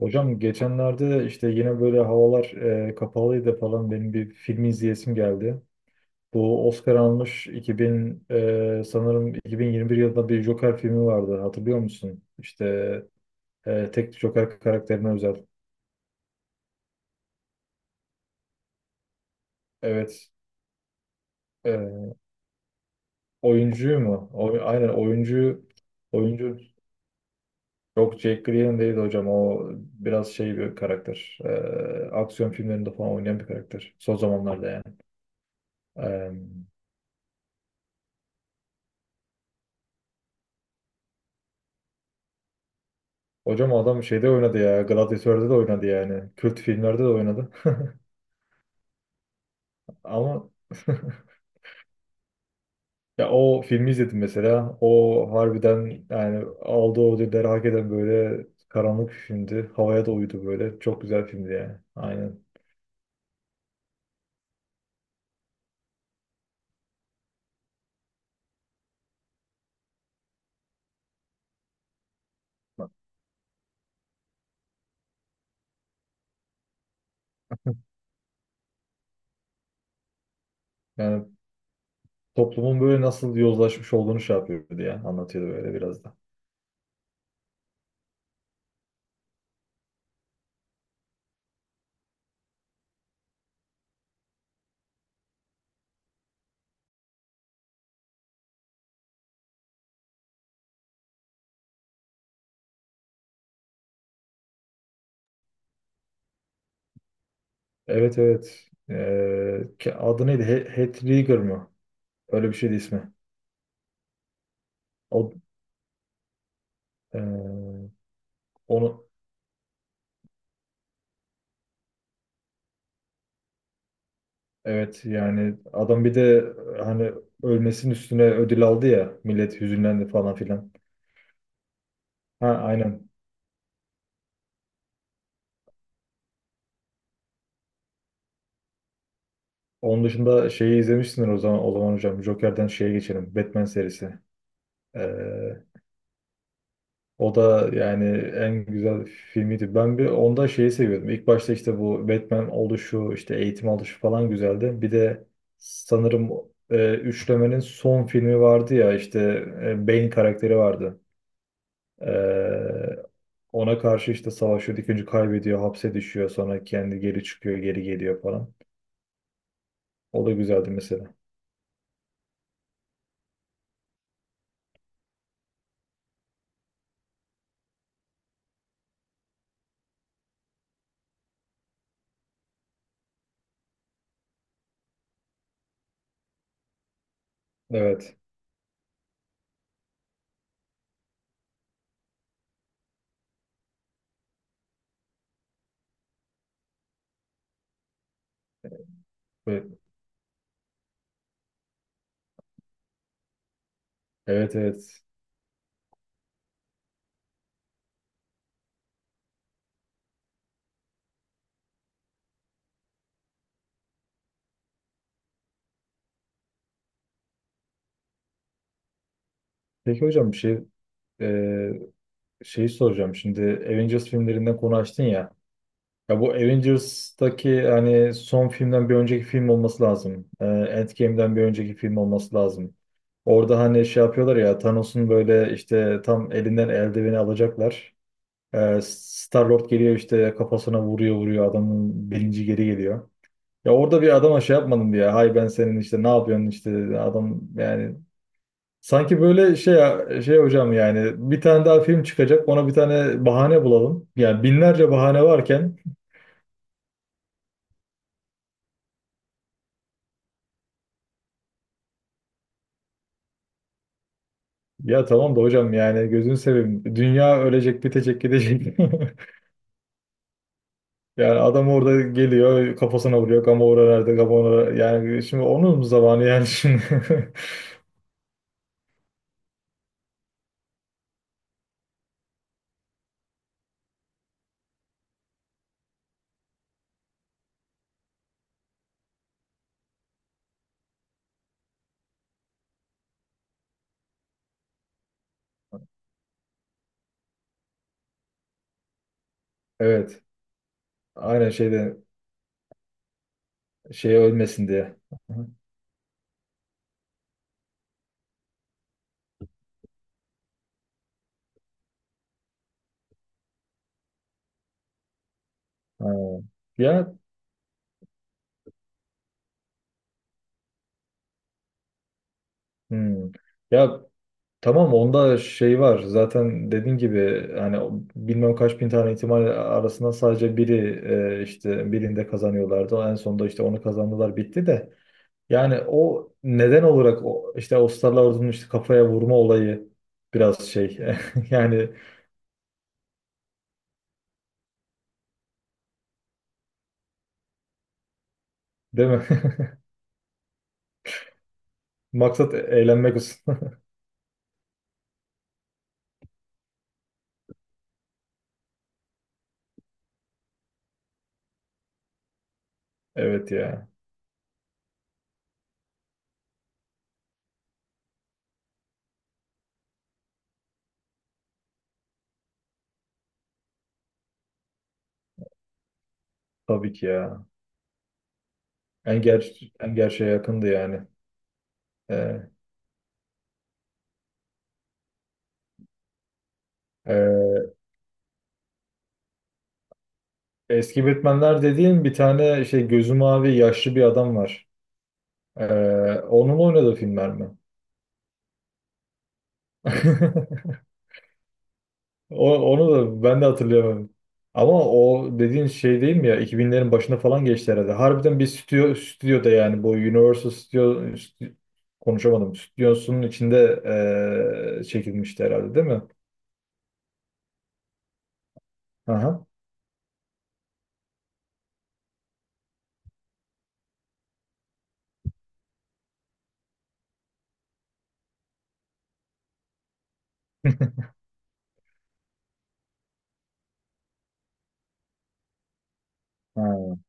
Hocam geçenlerde işte yine böyle havalar kapalıydı falan, benim bir film izleyesim geldi. Bu Oscar almış 2000, sanırım 2021 yılında bir Joker filmi vardı, hatırlıyor musun? İşte tek Joker karakterine özel. Evet. E, oyuncuyu mu? O, aynen. Oyuncu yok, Jack Gleeson değil hocam, o biraz şey bir karakter. Aksiyon filmlerinde falan oynayan bir karakter. Son zamanlarda yani. Hocam adam şeyde oynadı ya. Gladiatör'de de oynadı yani. Kült filmlerde de oynadı. Ama ya o filmi izledim mesela. O harbiden, yani aldığı ödülleri hak eden, böyle karanlık düşündü. Havaya da uyudu böyle. Çok güzel filmdi yani. Aynen. Yani toplumun böyle nasıl yozlaşmış olduğunu şey yapıyordu ya. Anlatıyordu böyle biraz da. Evet, evet. Adı neydi? Heath Ledger mı? Öyle bir şeydi ismi. O Ee, onu evet, yani adam bir de hani ölmesinin üstüne ödül aldı ya, millet hüzünlendi falan filan. Ha, aynen. Onun dışında şeyi izlemişsindir o zaman. O zaman hocam Joker'den şeye geçelim, Batman serisi. Ee, o da yani en güzel filmiydi. Ben bir onda şeyi seviyordum. İlk başta işte bu Batman oluşu, işte eğitim alışu falan güzeldi. Bir de sanırım üçlemenin son filmi vardı ya, işte Bane karakteri vardı. Ee, Ona karşı işte savaşıyor, dikince kaybediyor, hapse düşüyor, sonra kendi geri çıkıyor, geri geliyor falan. O da güzeldi mesela. Evet. Ve- evet, evet. Peki hocam bir şey e, şeyi soracağım. Şimdi Avengers filmlerinden konu açtın ya. Ya bu Avengers'taki hani son filmden bir önceki film olması lazım. Endgame'den bir önceki film olması lazım. Orada hani şey yapıyorlar ya, Thanos'un böyle işte tam elinden eldiveni alacaklar. Star-Lord geliyor, işte kafasına vuruyor adamın bilinci geri geliyor. Ya orada bir adama şey yapmadım diye. Hay ben senin işte ne yapıyorsun işte adam yani, sanki böyle şey, şey hocam yani bir tane daha film çıkacak, ona bir tane bahane bulalım. Yani binlerce bahane varken. Ya tamam da hocam yani gözünü seveyim. Dünya ölecek, bitecek, gidecek. Yani adam orada geliyor, kafasına vuruyor. Gamora nerede, Gamora? Yani şimdi onun zamanı, yani şimdi. Evet. Aynen şeyde şey ölmesin diye. Hı. Ha. Ya, hmm. Ya tamam, onda şey var. Zaten dediğin gibi hani o bilmem kaç bin tane ihtimal arasında sadece biri işte birinde kazanıyorlardı. En sonunda işte onu kazandılar, bitti de. Yani o neden olarak o, işte Oscar'la ordunun işte kafaya vurma olayı biraz şey. yani değil mi? Maksat eğlenmek olsun. Evet ya, tabii ki ya. En gerçeğe yakındı yani. Ee, e, eski Batman'ler dediğin bir tane şey, gözü mavi yaşlı bir adam var. Ee, onun oynadığı filmler mi? O, onu da ben de hatırlayamadım. Ama o dediğin şey değil mi ya? 2000'lerin başına falan geçti herhalde. Harbiden bir stüdyo, stüdyoda yani, bu Universal Studio, konuşamadım. Stüdyosunun içinde çekilmişti herhalde değil mi? Aha. Ha.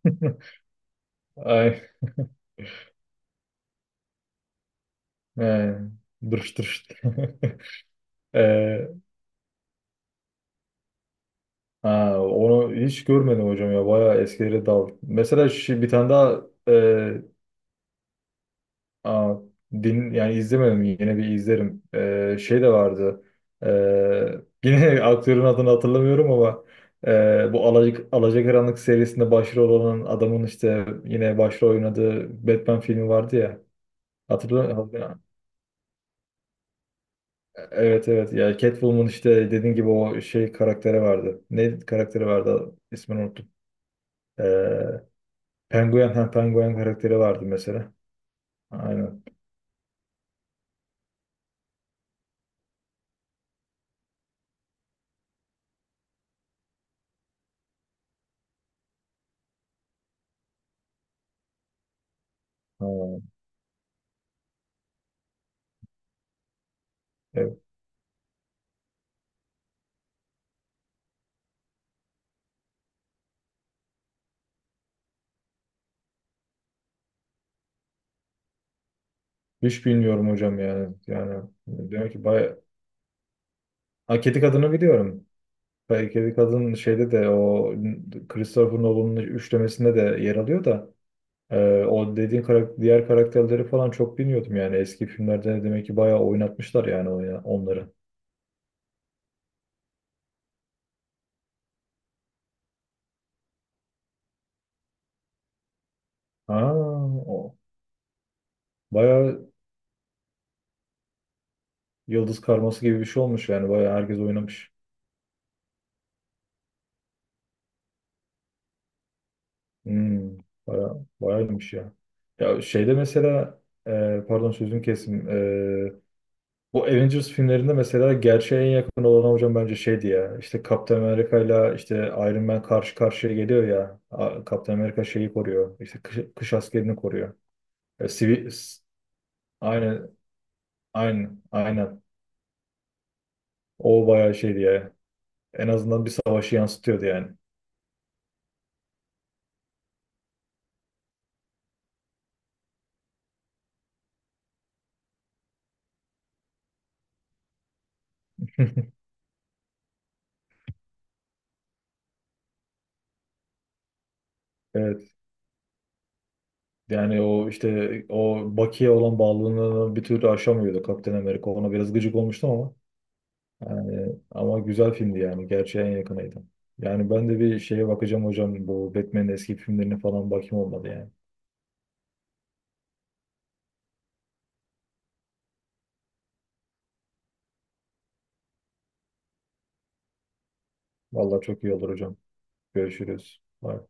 Ay, he. Dırış dırış. Eee, ha, onu hiç görmedim hocam ya. Bayağı eskilere dal. Mesela şu, bir tane daha. Aa, din yani izlemedim, yine bir izlerim. Şey de vardı. Ee, yine aktörün adını hatırlamıyorum ama bu Alacakaranlık serisinde başrol olan adamın işte yine başrol oynadığı Batman filmi vardı ya. Hatırlıyor musun? Evet, evet ya, Catwoman işte dediğin gibi o şey karakteri vardı. Ne karakteri vardı? İsmini unuttum. Ee, Penguin, ha Penguin karakteri vardı mesela. Aynen. Ha, evet. Hiç bilmiyorum hocam yani. Yani diyorum ki bayağı... Ha, Kedi Kadın'ı biliyorum. Kedi Kadın şeyde de o Christopher Nolan'ın üçlemesinde de yer alıyor da o dediğin diğer karakterleri falan çok bilmiyordum yani. Eski filmlerde demek ki bayağı oynatmışlar yani, onları. Ha, o. Bayağı yıldız karması gibi bir şey olmuş yani. Bayağı herkes oynamış. Hmm, bayağıymış ya. Ya şeyde mesela pardon, sözüm kesim. Bu Avengers filmlerinde mesela gerçeğe en yakın olan hocam bence şeydi ya. İşte Kaptan Amerika ile işte Iron Man karşı karşıya geliyor ya. Kaptan Amerika şeyi koruyor. İşte kış askerini koruyor. E, sivil, s- aynen, aynen, aynen. O bayağı şeydi ya. En azından bir savaşı yansıtıyordu yani. Evet. Yani o işte o Bucky'ye olan bağlılığını bir türlü aşamıyordu Kaptan Amerika. Ona biraz gıcık olmuştum ama. Yani, ama güzel filmdi yani. Gerçeğe en yakınıydı. Yani ben de bir şeye bakacağım hocam. Bu Batman'in eski filmlerine falan bakayım, olmadı yani. Vallahi çok iyi olur hocam. Görüşürüz. Bye.